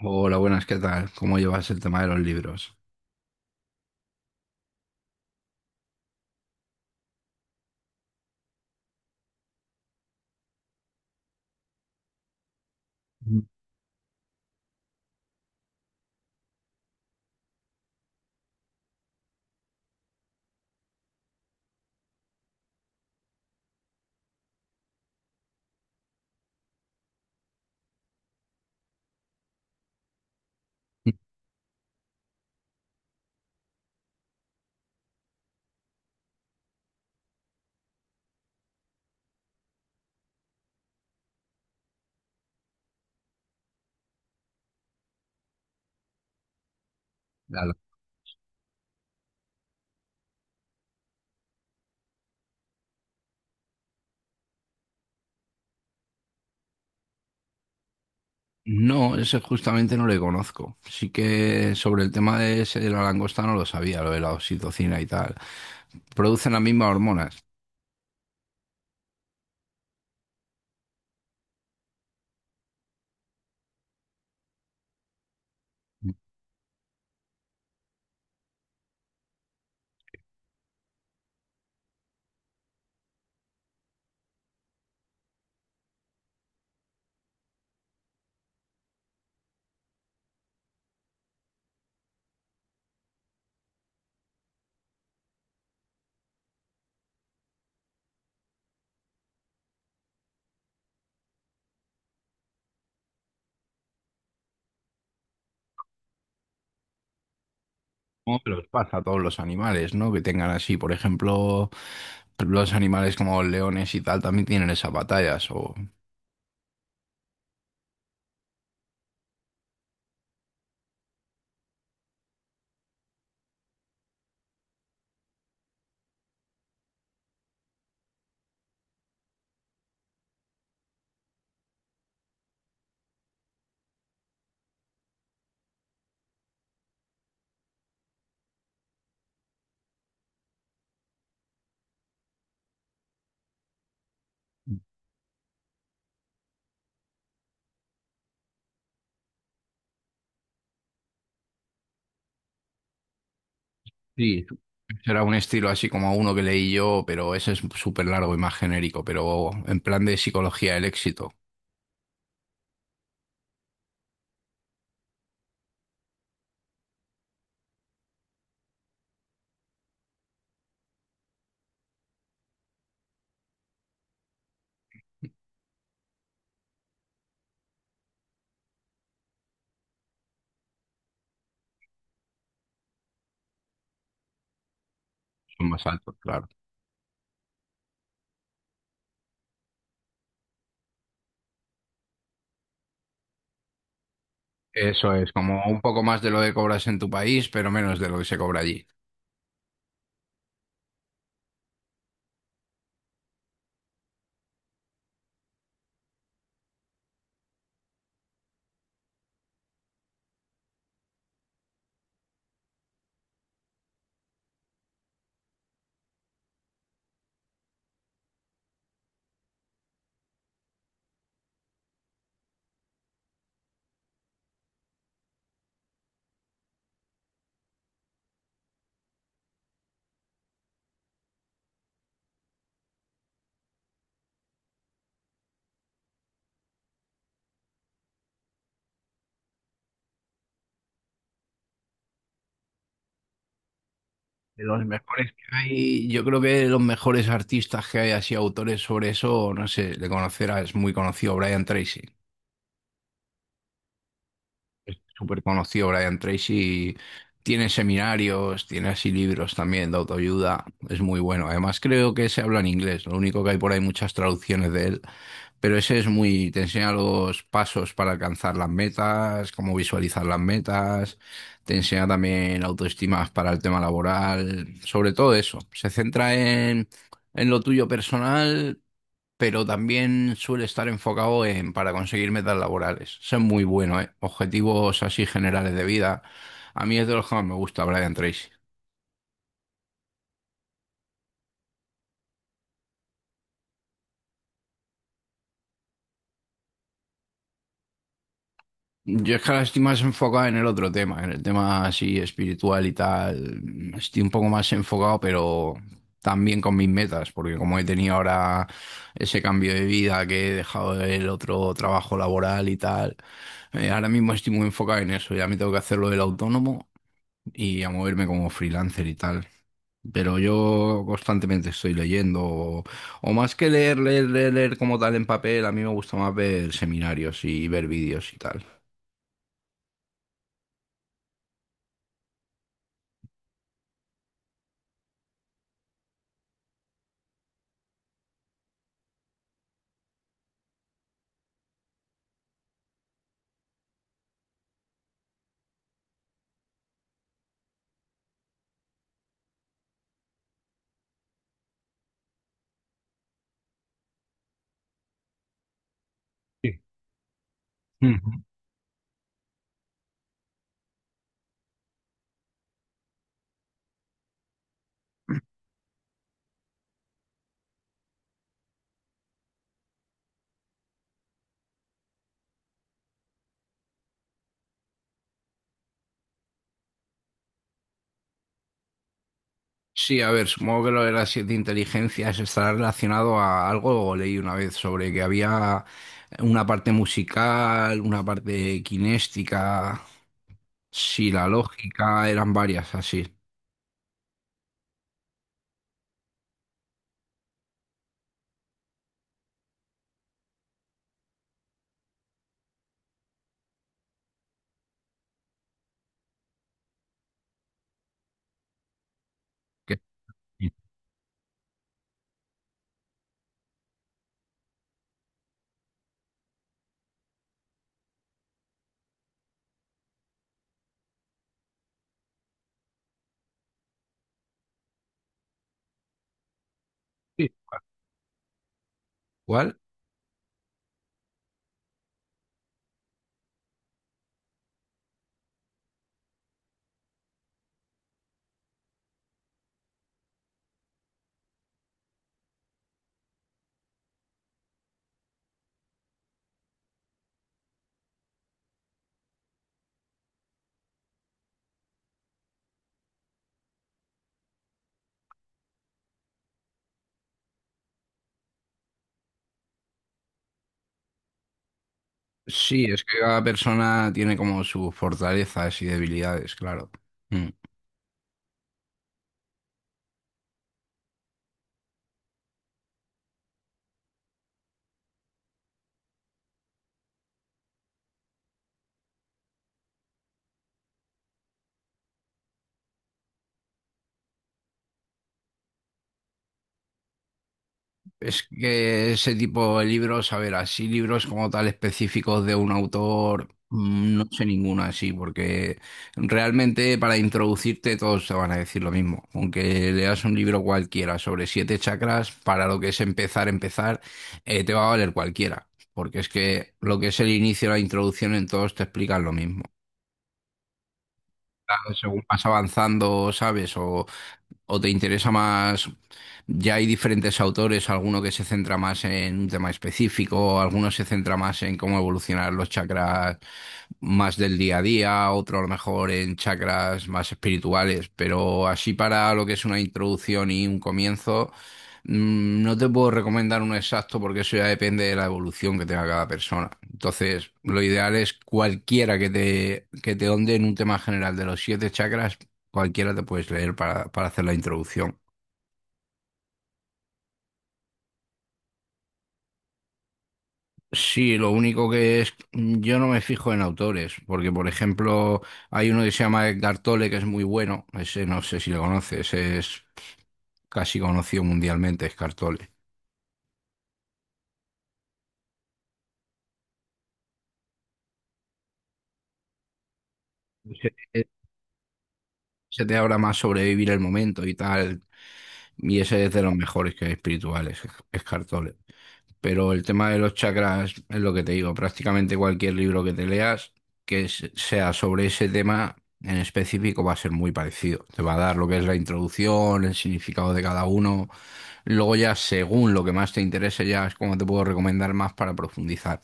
Hola, buenas, ¿qué tal? ¿Cómo llevas el tema de los libros? Mm. Claro. No, ese justamente no le conozco. Sí que sobre el tema de ese de la langosta no lo sabía, lo de la oxitocina y tal. Producen las mismas hormonas. Como que los pasa a todos los animales, ¿no? Que tengan así, por ejemplo, los animales como leones y tal también tienen esas batallas. O... Sí. Será un estilo así como uno que leí yo, pero ese es súper largo y más genérico, pero en plan de psicología del éxito. Son más altos, claro. Eso es, como un poco más de lo que cobras en tu país, pero menos de lo que se cobra allí. De los mejores que hay, yo creo que de los mejores artistas que hay, así autores sobre eso, no sé, de es muy conocido Brian Tracy. Es súper conocido Brian Tracy y tiene seminarios, tiene así libros también de autoayuda, es muy bueno. Además creo que se habla en inglés, lo único que hay por ahí muchas traducciones de él, pero ese es muy, te enseña los pasos para alcanzar las metas, cómo visualizar las metas, te enseña también autoestima para el tema laboral, sobre todo eso. Se centra en lo tuyo personal, pero también suele estar enfocado en para conseguir metas laborales. Eso es muy bueno, ¿eh? Objetivos así generales de vida. A mí es de los que más me gusta Brian Tracy. Yo es que ahora estoy más enfocado en el otro tema, en el tema así espiritual y tal. Estoy un poco más enfocado, pero también con mis metas, porque como he tenido ahora ese cambio de vida que he dejado el otro trabajo laboral y tal, ahora mismo estoy muy enfocado en eso. Ya me tengo que hacer lo del autónomo y a moverme como freelancer y tal. Pero yo constantemente estoy leyendo, o más que leer como tal en papel, a mí me gusta más ver seminarios y ver vídeos y tal. Sí. Ujú. Sí, a ver, supongo que lo de las 7 inteligencias estará relacionado a algo, o leí una vez sobre que había una parte musical, una parte kinéstica, sí, la lógica, eran varias así. Que- Sí. ¿Cuál? Sí, es que cada persona tiene como sus fortalezas y debilidades, claro. Mm. Es que ese tipo de libros, a ver, así libros como tal específicos de un autor, mm, no sé ninguna así, porque realmente para introducirte todos te van a decir lo mismo. Aunque leas un libro cualquiera sobre 7 chakras, para lo que es empezar, te va a valer cualquiera. Porque es que lo que es el inicio, la introducción, en todos te explican lo mismo. Claro, según vas avanzando, ¿sabes? O te interesa más, ya hay diferentes autores, alguno que se centra más en un tema específico, alguno se centra más en cómo evolucionar los chakras más del día a día, otro a lo mejor en chakras más espirituales, pero así para lo que es una introducción y un comienzo, mm, no te puedo recomendar uno exacto porque eso ya depende de la evolución que tenga cada persona. Entonces, lo ideal es cualquiera que que te onde en un tema general de los 7 chakras, cualquiera te puedes leer para hacer la introducción. Sí, lo único que es, yo no me fijo en autores, porque por ejemplo hay uno que se llama Edgar Tolle que es muy bueno, ese no sé si lo conoces, es casi conocido mundialmente, Edgar Tolle. Eh, Se te habla más sobre vivir el momento y tal, y ese es de los mejores que espirituales, Edgar Tolle. Pero el tema de los chakras es lo que te digo, prácticamente cualquier libro que te leas sea sobre ese tema en específico va a ser muy parecido. Te va a dar lo que es la introducción, el significado de cada uno. Luego ya según lo que más te interese ya es como te puedo recomendar más para profundizar.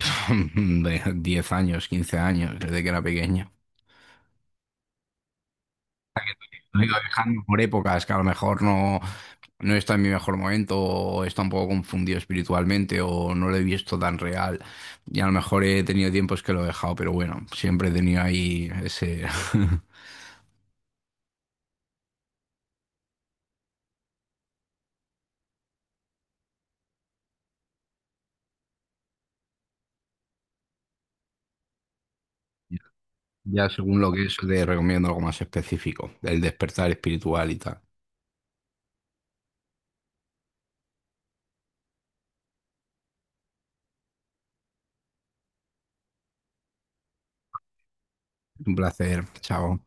De 10 años, 15 años, desde que era pequeño. Lo he ido dejando por épocas que a lo mejor no está en mi mejor momento o está un poco confundido espiritualmente o no lo he visto tan real. Y a lo mejor he tenido tiempos que lo he dejado, pero bueno, siempre he tenido ahí ese... Ya según lo que es, te recomiendo algo más específico, el despertar espiritual y tal. Un placer, chao.